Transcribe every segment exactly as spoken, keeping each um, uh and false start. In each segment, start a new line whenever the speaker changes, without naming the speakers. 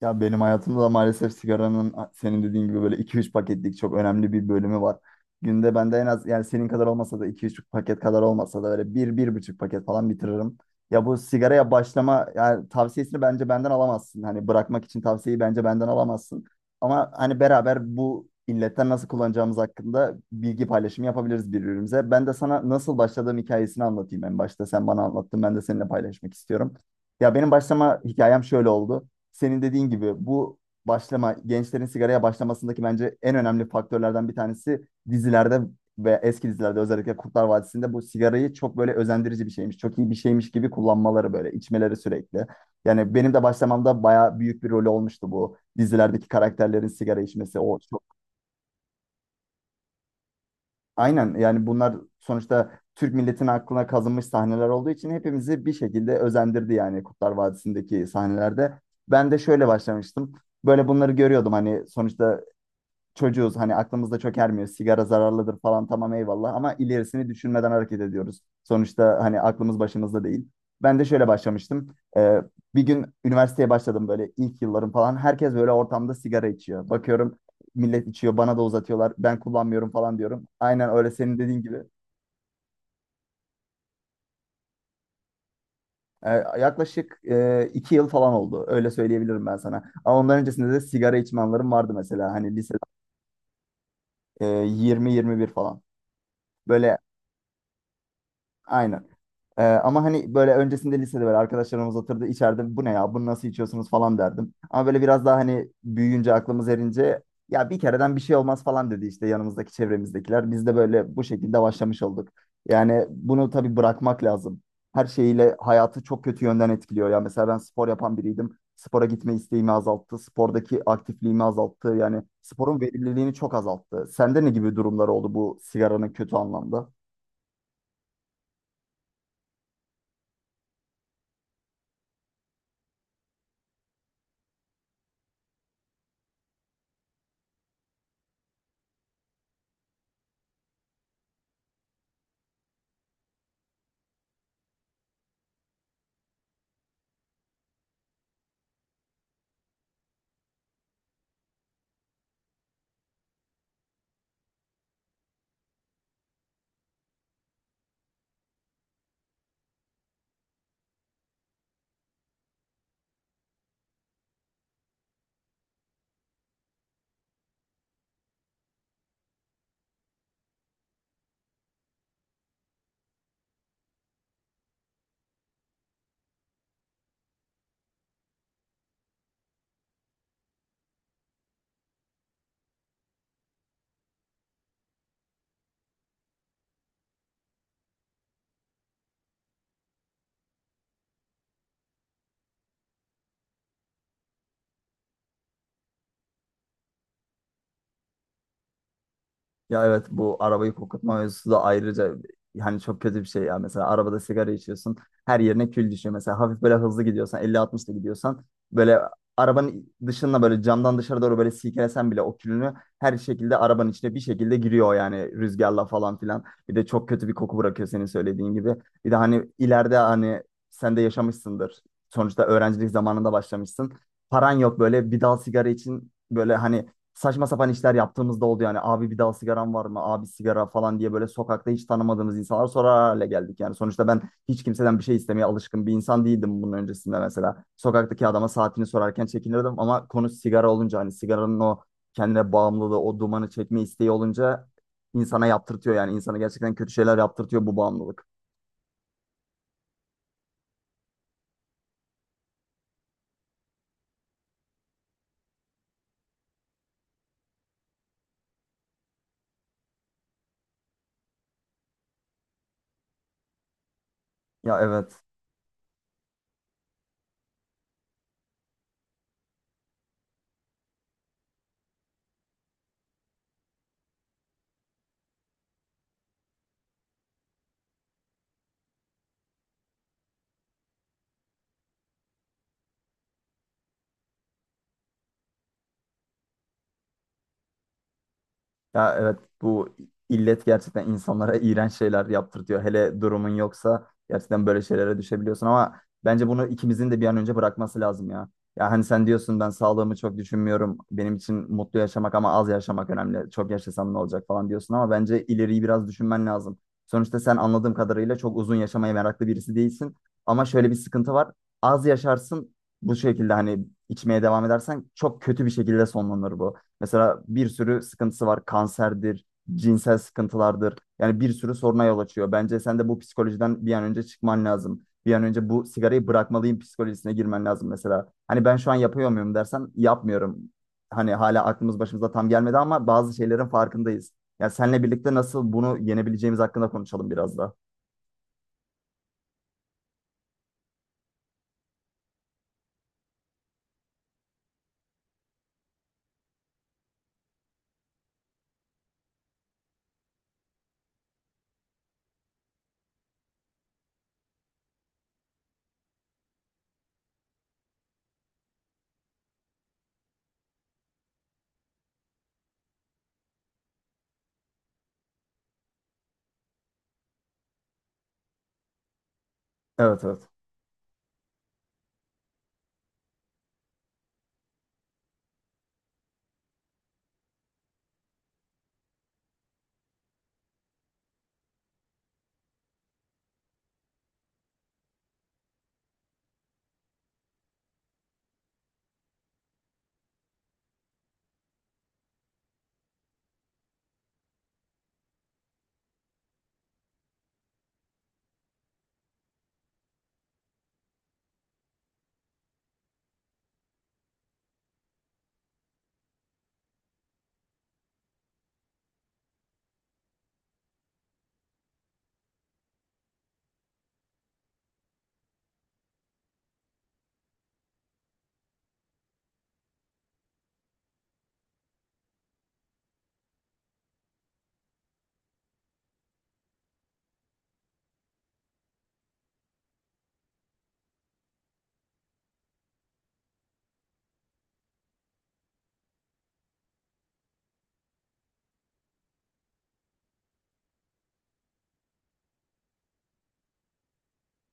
Ya benim hayatımda da maalesef sigaranın senin dediğin gibi böyle iki üç paketlik çok önemli bir bölümü var. Günde bende en az yani senin kadar olmasa da iki üç paket kadar olmasa da böyle bir bir buçuk paket falan bitiririm. Ya bu sigaraya başlama yani tavsiyesini bence benden alamazsın. Hani bırakmak için tavsiyeyi bence benden alamazsın. Ama hani beraber bu illetten nasıl kullanacağımız hakkında bilgi paylaşımı yapabiliriz birbirimize. Ben de sana nasıl başladığım hikayesini anlatayım en başta. Sen bana anlattın ben de seninle paylaşmak istiyorum. Ya benim başlama hikayem şöyle oldu senin dediğin gibi bu başlama gençlerin sigaraya başlamasındaki bence en önemli faktörlerden bir tanesi dizilerde ve eski dizilerde özellikle Kurtlar Vadisi'nde bu sigarayı çok böyle özendirici bir şeymiş, çok iyi bir şeymiş gibi kullanmaları böyle içmeleri sürekli. Yani benim de başlamamda bayağı büyük bir rolü olmuştu bu dizilerdeki karakterlerin sigara içmesi, o aynen yani bunlar sonuçta Türk milletinin aklına kazınmış sahneler olduğu için hepimizi bir şekilde özendirdi yani Kurtlar Vadisi'ndeki sahnelerde. Ben de şöyle başlamıştım. Böyle bunları görüyordum hani sonuçta çocuğuz, hani aklımızda çok ermiyor. Sigara zararlıdır falan, tamam, eyvallah, ama ilerisini düşünmeden hareket ediyoruz. Sonuçta hani aklımız başımızda değil. Ben de şöyle başlamıştım. Ee, Bir gün üniversiteye başladım böyle ilk yıllarım falan. Herkes böyle ortamda sigara içiyor. Bakıyorum millet içiyor, bana da uzatıyorlar. Ben kullanmıyorum falan diyorum. Aynen öyle senin dediğin gibi. Ee, Yaklaşık e, iki yıl falan oldu. Öyle söyleyebilirim ben sana. Ama ondan öncesinde de sigara içme anlarım vardı mesela. Hani lise, e, yirmi yirmi bir falan. Böyle, aynen. Ee, ama hani böyle öncesinde lisede böyle arkadaşlarımız oturdu içeride, bu ne ya, bunu nasıl içiyorsunuz falan derdim. Ama böyle biraz daha hani büyüyünce, aklımız erince, ya bir kereden bir şey olmaz falan dedi işte yanımızdaki çevremizdekiler. Biz de böyle bu şekilde başlamış olduk. Yani bunu tabii bırakmak lazım. Her şeyiyle hayatı çok kötü yönden etkiliyor. Ya mesela ben spor yapan biriydim. Spora gitme isteğimi azalttı. Spordaki aktifliğimi azalttı. Yani sporun verimliliğini çok azalttı. Sende ne gibi durumlar oldu bu sigaranın kötü anlamda? Ya evet, bu arabayı kokutma mevzusu da ayrıca hani çok kötü bir şey ya. Mesela arabada sigara içiyorsun, her yerine kül düşüyor. Mesela hafif böyle hızlı gidiyorsan, elli altmışta gidiyorsan, böyle arabanın dışına böyle camdan dışarı doğru böyle silkelesen bile o külünü her şekilde arabanın içine bir şekilde giriyor yani, rüzgarla falan filan. Bir de çok kötü bir koku bırakıyor senin söylediğin gibi. Bir de hani ileride, hani sen de yaşamışsındır. Sonuçta öğrencilik zamanında başlamışsın. Paran yok, böyle bir dal sigara için böyle hani saçma sapan işler yaptığımızda oldu yani. Abi, bir daha sigaran var mı? Abi, sigara falan diye böyle sokakta hiç tanımadığımız insanlar sorar hale geldik. Yani sonuçta ben hiç kimseden bir şey istemeye alışkın bir insan değildim bunun öncesinde mesela. Sokaktaki adama saatini sorarken çekinirdim, ama konu sigara olunca hani sigaranın o kendine bağımlılığı, o dumanı çekme isteği olunca, insana yaptırtıyor yani. İnsana gerçekten kötü şeyler yaptırtıyor bu bağımlılık. Ya evet. Ya evet, bu illet gerçekten insanlara iğrenç şeyler yaptırtıyor. Hele durumun yoksa gerçekten böyle şeylere düşebiliyorsun, ama bence bunu ikimizin de bir an önce bırakması lazım ya. Ya hani sen diyorsun ben sağlığımı çok düşünmüyorum. Benim için mutlu yaşamak ama az yaşamak önemli. Çok yaşasam ne olacak falan diyorsun, ama bence ileriyi biraz düşünmen lazım. Sonuçta sen anladığım kadarıyla çok uzun yaşamaya meraklı birisi değilsin. Ama şöyle bir sıkıntı var. Az yaşarsın bu şekilde, hani içmeye devam edersen çok kötü bir şekilde sonlanır bu. Mesela bir sürü sıkıntısı var. Kanserdir, cinsel sıkıntılardır. Yani bir sürü soruna yol açıyor. Bence sen de bu psikolojiden bir an önce çıkman lazım. Bir an önce bu sigarayı bırakmalıyım psikolojisine girmen lazım mesela. Hani ben şu an yapıyor muyum dersen, yapmıyorum. Hani hala aklımız başımıza tam gelmedi, ama bazı şeylerin farkındayız. Ya senle birlikte nasıl bunu yenebileceğimiz hakkında konuşalım biraz da. Evet, evet.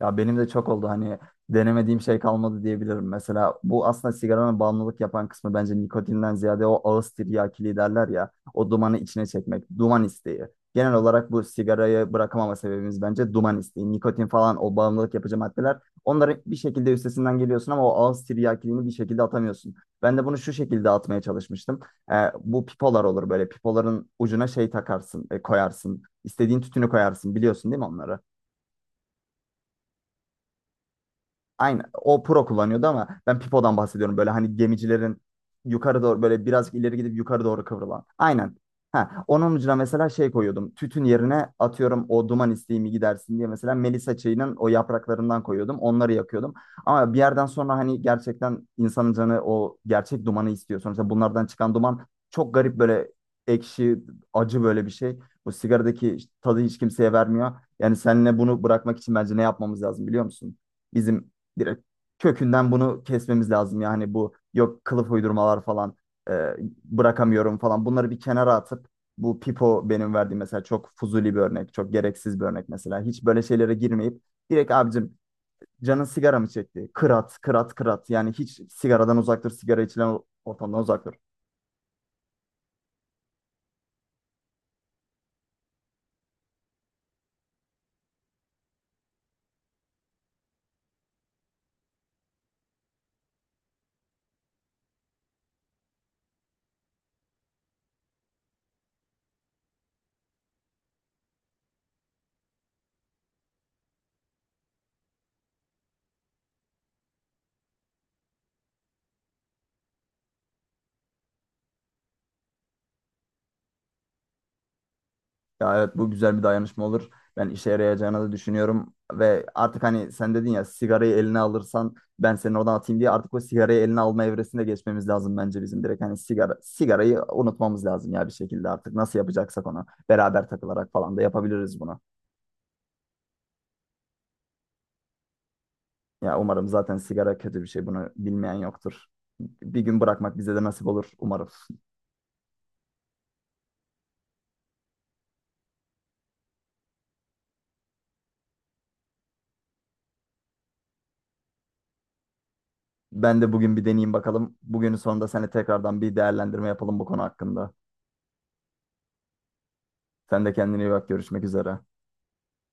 Ya benim de çok oldu, hani denemediğim şey kalmadı diyebilirim. Mesela bu aslında sigaranın bağımlılık yapan kısmı bence nikotinden ziyade o ağız tiryakiliği derler ya, o dumanı içine çekmek, duman isteği. Genel olarak bu sigarayı bırakamama sebebimiz bence duman isteği. Nikotin falan, o bağımlılık yapıcı maddeler, onların bir şekilde üstesinden geliyorsun ama o ağız tiryakiliğini bir şekilde atamıyorsun. Ben de bunu şu şekilde atmaya çalışmıştım. Ee, Bu pipolar olur, böyle pipoların ucuna şey takarsın, e, koyarsın. İstediğin tütünü koyarsın, biliyorsun değil mi onları? Aynı. O pro kullanıyordu, ama ben pipodan bahsediyorum. Böyle hani gemicilerin yukarı doğru böyle biraz ileri gidip yukarı doğru kıvrılan. Aynen. Ha, onun ucuna mesela şey koyuyordum. Tütün yerine atıyorum o duman isteğimi gidersin diye, mesela Melisa çayının o yapraklarından koyuyordum. Onları yakıyordum. Ama bir yerden sonra hani gerçekten insanın canı o gerçek dumanı istiyor. Sonuçta bunlardan çıkan duman çok garip, böyle ekşi, acı böyle bir şey. Bu sigaradaki işte tadı hiç kimseye vermiyor. Yani seninle bunu bırakmak için bence ne yapmamız lazım biliyor musun? Bizim direkt kökünden bunu kesmemiz lazım. Yani bu yok kılıf uydurmalar falan, e, bırakamıyorum falan, bunları bir kenara atıp, bu pipo benim verdiğim mesela çok fuzuli bir örnek, çok gereksiz bir örnek mesela. Hiç böyle şeylere girmeyip direkt abicim, canın sigara mı çekti? Kırat, kırat, kırat. Yani hiç sigaradan uzak dur, sigara içilen ortamdan uzak dur. Ya evet, bu güzel bir dayanışma olur. Ben işe yarayacağını da düşünüyorum ve artık hani sen dedin ya, sigarayı eline alırsan ben seni oradan atayım diye, artık o sigarayı eline alma evresine geçmemiz lazım bence bizim, direkt hani sigara sigarayı unutmamız lazım ya, bir şekilde artık nasıl yapacaksak onu beraber takılarak falan da yapabiliriz bunu. Ya umarım, zaten sigara kötü bir şey, bunu bilmeyen yoktur. Bir gün bırakmak bize de nasip olur umarım. Ben de bugün bir deneyeyim bakalım. Bugünün sonunda seninle tekrardan bir değerlendirme yapalım bu konu hakkında. Sen de kendine iyi bak, görüşmek üzere.